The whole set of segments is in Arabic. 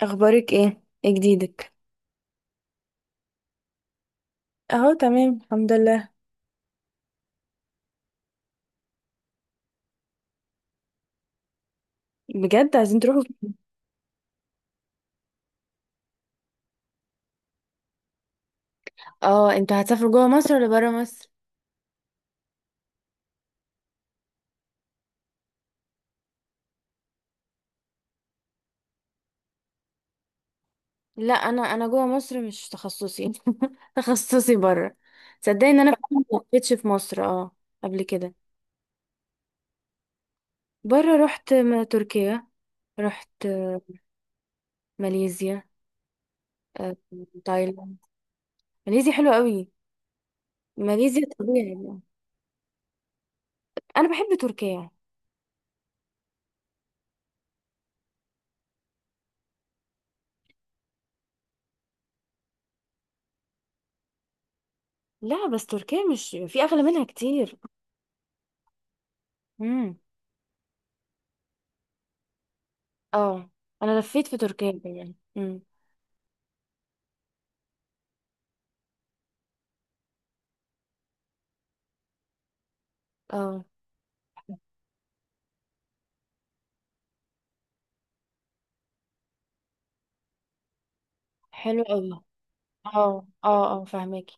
اخبارك ايه؟ ايه جديدك؟ اهو تمام الحمد لله. بجد؟ عايزين تروحوا فين؟ اه، انتوا هتسافروا جوه مصر ولا بره مصر؟ لا، انا جوه مصر مش تخصصي. تخصصي بره. صدقني ان انا فعلا ما لفيتش في مصر، اه. قبل كده. بره رحت تركيا. رحت ماليزيا. آه، تايلاند. ماليزيا حلوة قوي. ماليزيا طبيعي يعني. انا بحب تركيا. لا بس تركيا مش في اغلى منها كتير. امم. اه، انا لفيت في تركيا يعني. اه، حلو قوي. اه اه اه، فهماكي.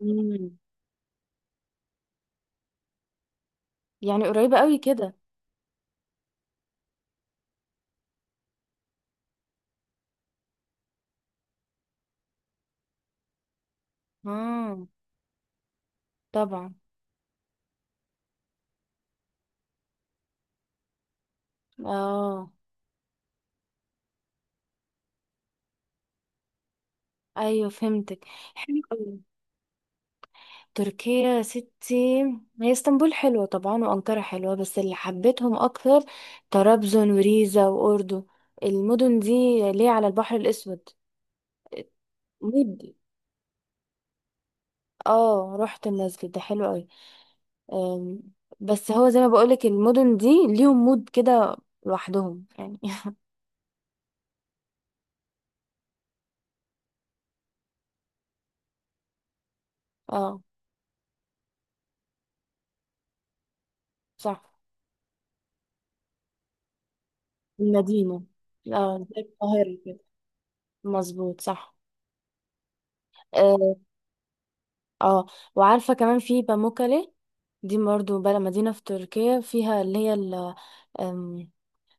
مم. يعني قريبة قوي كده. اه، طبعا. اه، ايوه، فهمتك. حلو قوي. تركيا يا ستي. هي اسطنبول حلوة طبعا، وأنقرة حلوة، بس اللي حبيتهم أكتر طرابزون وريزا وأردو. المدن دي، ليه على البحر الأسود. مد اه، رحت المسجد ده، حلو قوي. أم، بس هو زي ما بقولك المدن دي ليهم مود كده لوحدهم يعني. اه، صح. المدينة. اه، زي القاهرة كده. مظبوط، صح. اه. آه. وعارفة كمان في باموكالي. دي برضه بلد، مدينة في تركيا، فيها اللي هي ال- أم،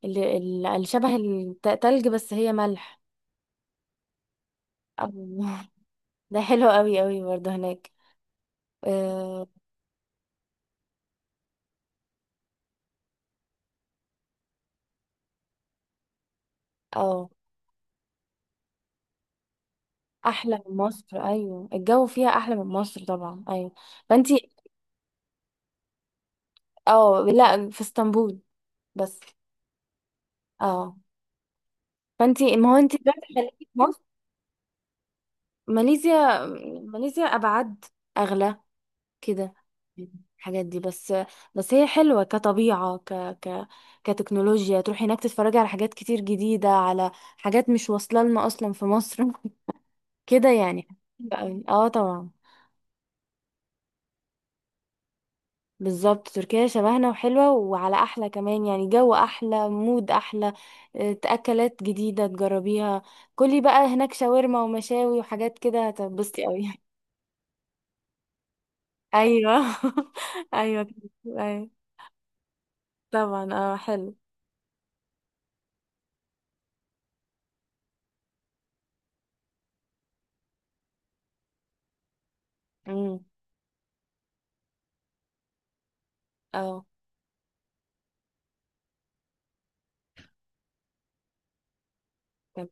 اللي اللي شبه التلج بس هي ملح. أو- ده حلو قوي قوي برضه هناك. اه. آه. احلى من مصر، ايوه، الجو فيها احلى من مصر طبعا، ايوه. فانتي. اه، لا، في اسطنبول بس. اه. فانتي، ما هو انتي بقى خليكي في مصر. ماليزيا. ماليزيا أبعد. أغلى. كده. الحاجات دي بس. بس هي حلوة كطبيعة، ك ك كتكنولوجيا، تروحي هناك تتفرجي على حاجات كتير جديدة، على حاجات مش واصلة لنا أصلا في مصر. كده يعني. حلوة أوي. اه، طبعا. بالظبط تركيا شبهنا وحلوة وعلى أحلى كمان، يعني جو أحلى، مود أحلى. أكلات جديدة تجربيها. كلي بقى هناك شاورما ومشاوي وحاجات كده هتتبسطي أوي. أيوه. أيوه. أيوه. طبعا، اه، حلو. امم. اه. تمام.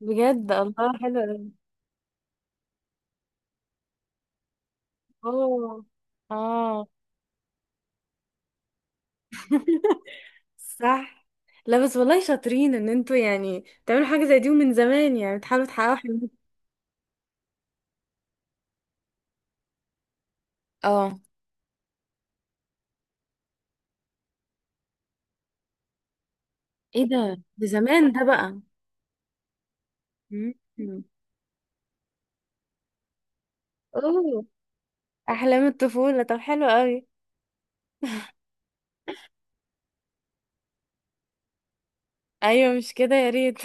بجد؟ الله، حلو أوي. اوه. اه. صح. لا بس والله شاطرين ان انتوا يعني تعملوا حاجة زي دي، ومن زمان يعني بتحاولوا تحققوا حلمكم. اه. ايه ده؟ ده زمان ده بقى. مم. اوه. احلام الطفولة، طب حلو قوي. ايوه مش كده، يا ريت.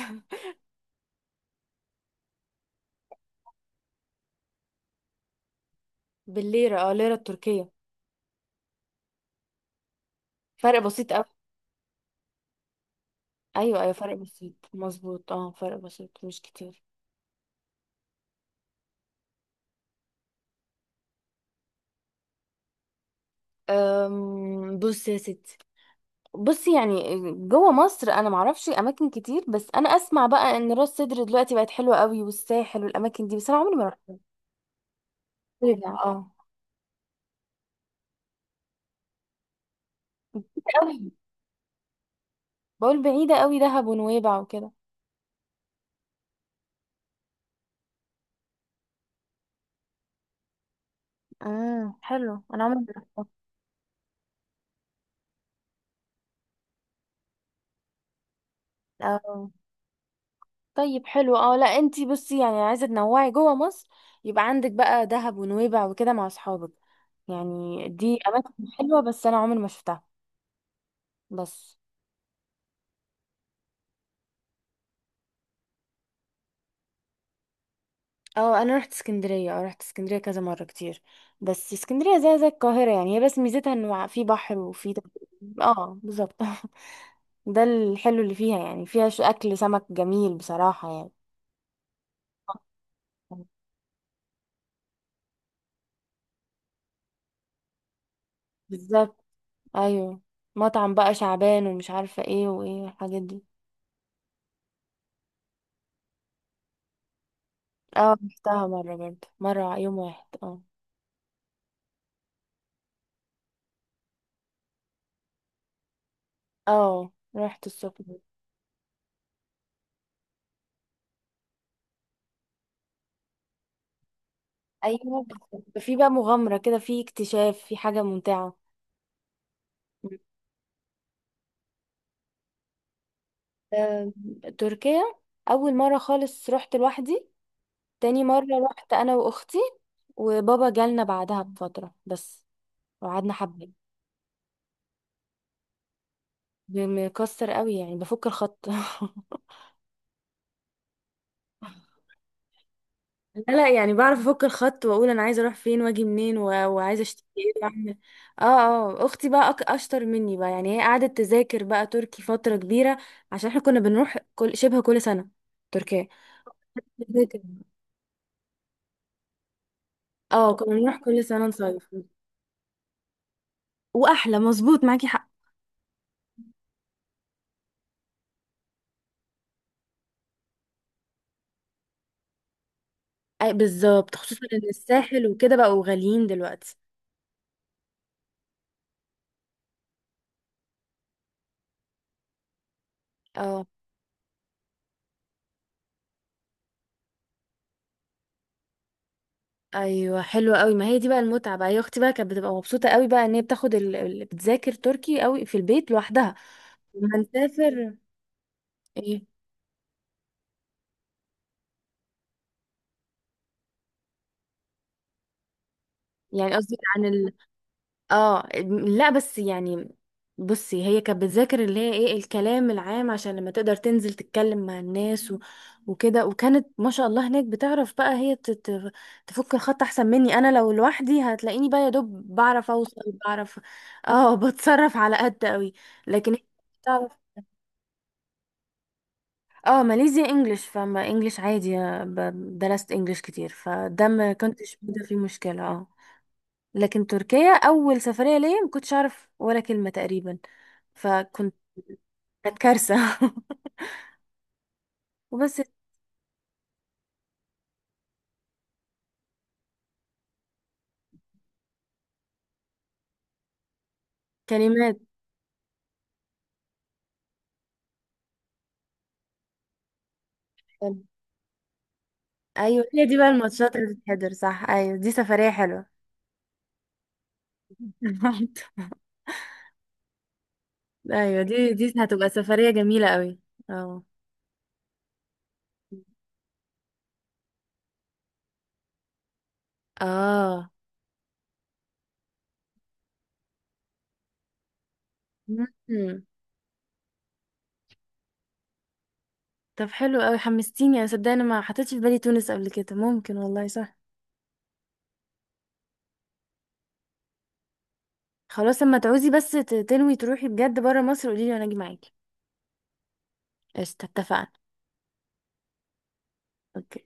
بالليرة، اه، ليرة التركية. فرق بسيط قوي. ايوه ايوه، فرق بسيط مظبوط، اه، فرق بسيط مش كتير. بص يا ستي. بصي يعني. جوه مصر انا معرفش اماكن كتير، بس انا اسمع بقى ان راس سدر دلوقتي بقت حلوه قوي، والساحل والاماكن دي، بس انا عمري ما رحت. بعيدة، اه. قوي. بقول بعيده قوي، دهب ونويبع وكده. حلو، انا عمري ما رحت. اه. طيب، حلو، اه، لا، انتي بصي يعني عايزه تنوعي جوه مصر، يبقى عندك بقى دهب ونويبع وكده مع اصحابك. يعني دي اماكن حلوه بس انا عمري ما شفتها. بس. اه، انا رحت اسكندريه، اه، رحت اسكندريه كذا مره كتير. بس اسكندريه زي القاهره يعني، هي بس ميزتها انه في بحر وفي. اه، بالظبط. ده الحلو اللي فيها، يعني فيها اكل سمك جميل بصراحه يعني. بالظبط، ايوه. مطعم بقى شعبان ومش عارفه ايه وايه الحاجات دي. اه، رحتها مره برضه مره يوم واحد، اه. اه، رحت السخنه. ايوه، في بقى مغامره كده، في اكتشاف، في حاجه ممتعه. آه، تركيا. اول مره خالص رحت لوحدي. تاني مره رحت انا واختي. وبابا جالنا بعدها بفتره بس. وقعدنا حبه. مكسر قوي يعني، بفك الخط. لا، لا، يعني بعرف افك الخط واقول انا عايزه اروح فين واجي منين، و... وعايزه اشتري ايه واعمل إيه. اه اه، اختي بقى اشطر مني بقى، يعني هي قعدت تذاكر بقى تركي فتره كبيره عشان احنا كنا بنروح شبه كل سنه تركيا. بتذاكر. اه، كنا بنروح كل سنه نصيف. واحلى، مظبوط، معاكي حق. أي، بالظبط، خصوصا ان الساحل وكده بقوا غاليين دلوقتي. اه، ايوه، حلوه قوي، ما هي دي بقى المتعه بقى، هي اختي بقى كانت بتبقى مبسوطه قوي بقى ان هي بتاخد بتذاكر تركي قوي في البيت لوحدها. لما نسافر. ايه. يعني قصدي عن. اه، لا، بس يعني. بصي، هي كانت بتذاكر اللي هي، ايه، الكلام العام عشان لما تقدر تنزل تتكلم مع الناس، وكده، وكانت ما شاء الله هناك بتعرف بقى، هي تفك الخط احسن مني. انا لو لوحدي هتلاقيني بقى يا دوب بعرف اوصل، بعرف. اه، بتصرف على قد قوي. لكن هي بتعرف. اه، ماليزيا انجلش، فما انجلش عادي. درست انجلش كتير، فده ما كنتش موجودة فيه مشكلة، اه. لكن تركيا اول سفريه ليا ما كنتش اعرف ولا كلمه تقريبا. فكنت كانت كارثه. وبس. كلمات. حلوة. ايوه هي دي بقى الماتشات اللي بتتحضر، صح، ايوه دي سفريه حلوه. ايوه دي هتبقى سفريه جميله قوي. اه. اه. مم. طب حلو قوي، حمستيني، انا صدقني أنا ما حطيتش في بالي تونس قبل كده، ممكن والله، صح. خلاص، اما تعوزي بس تنوي تروحي بجد بره مصر قولي لي وانا اجي معاكي. قشطه، اتفقنا. أوكي.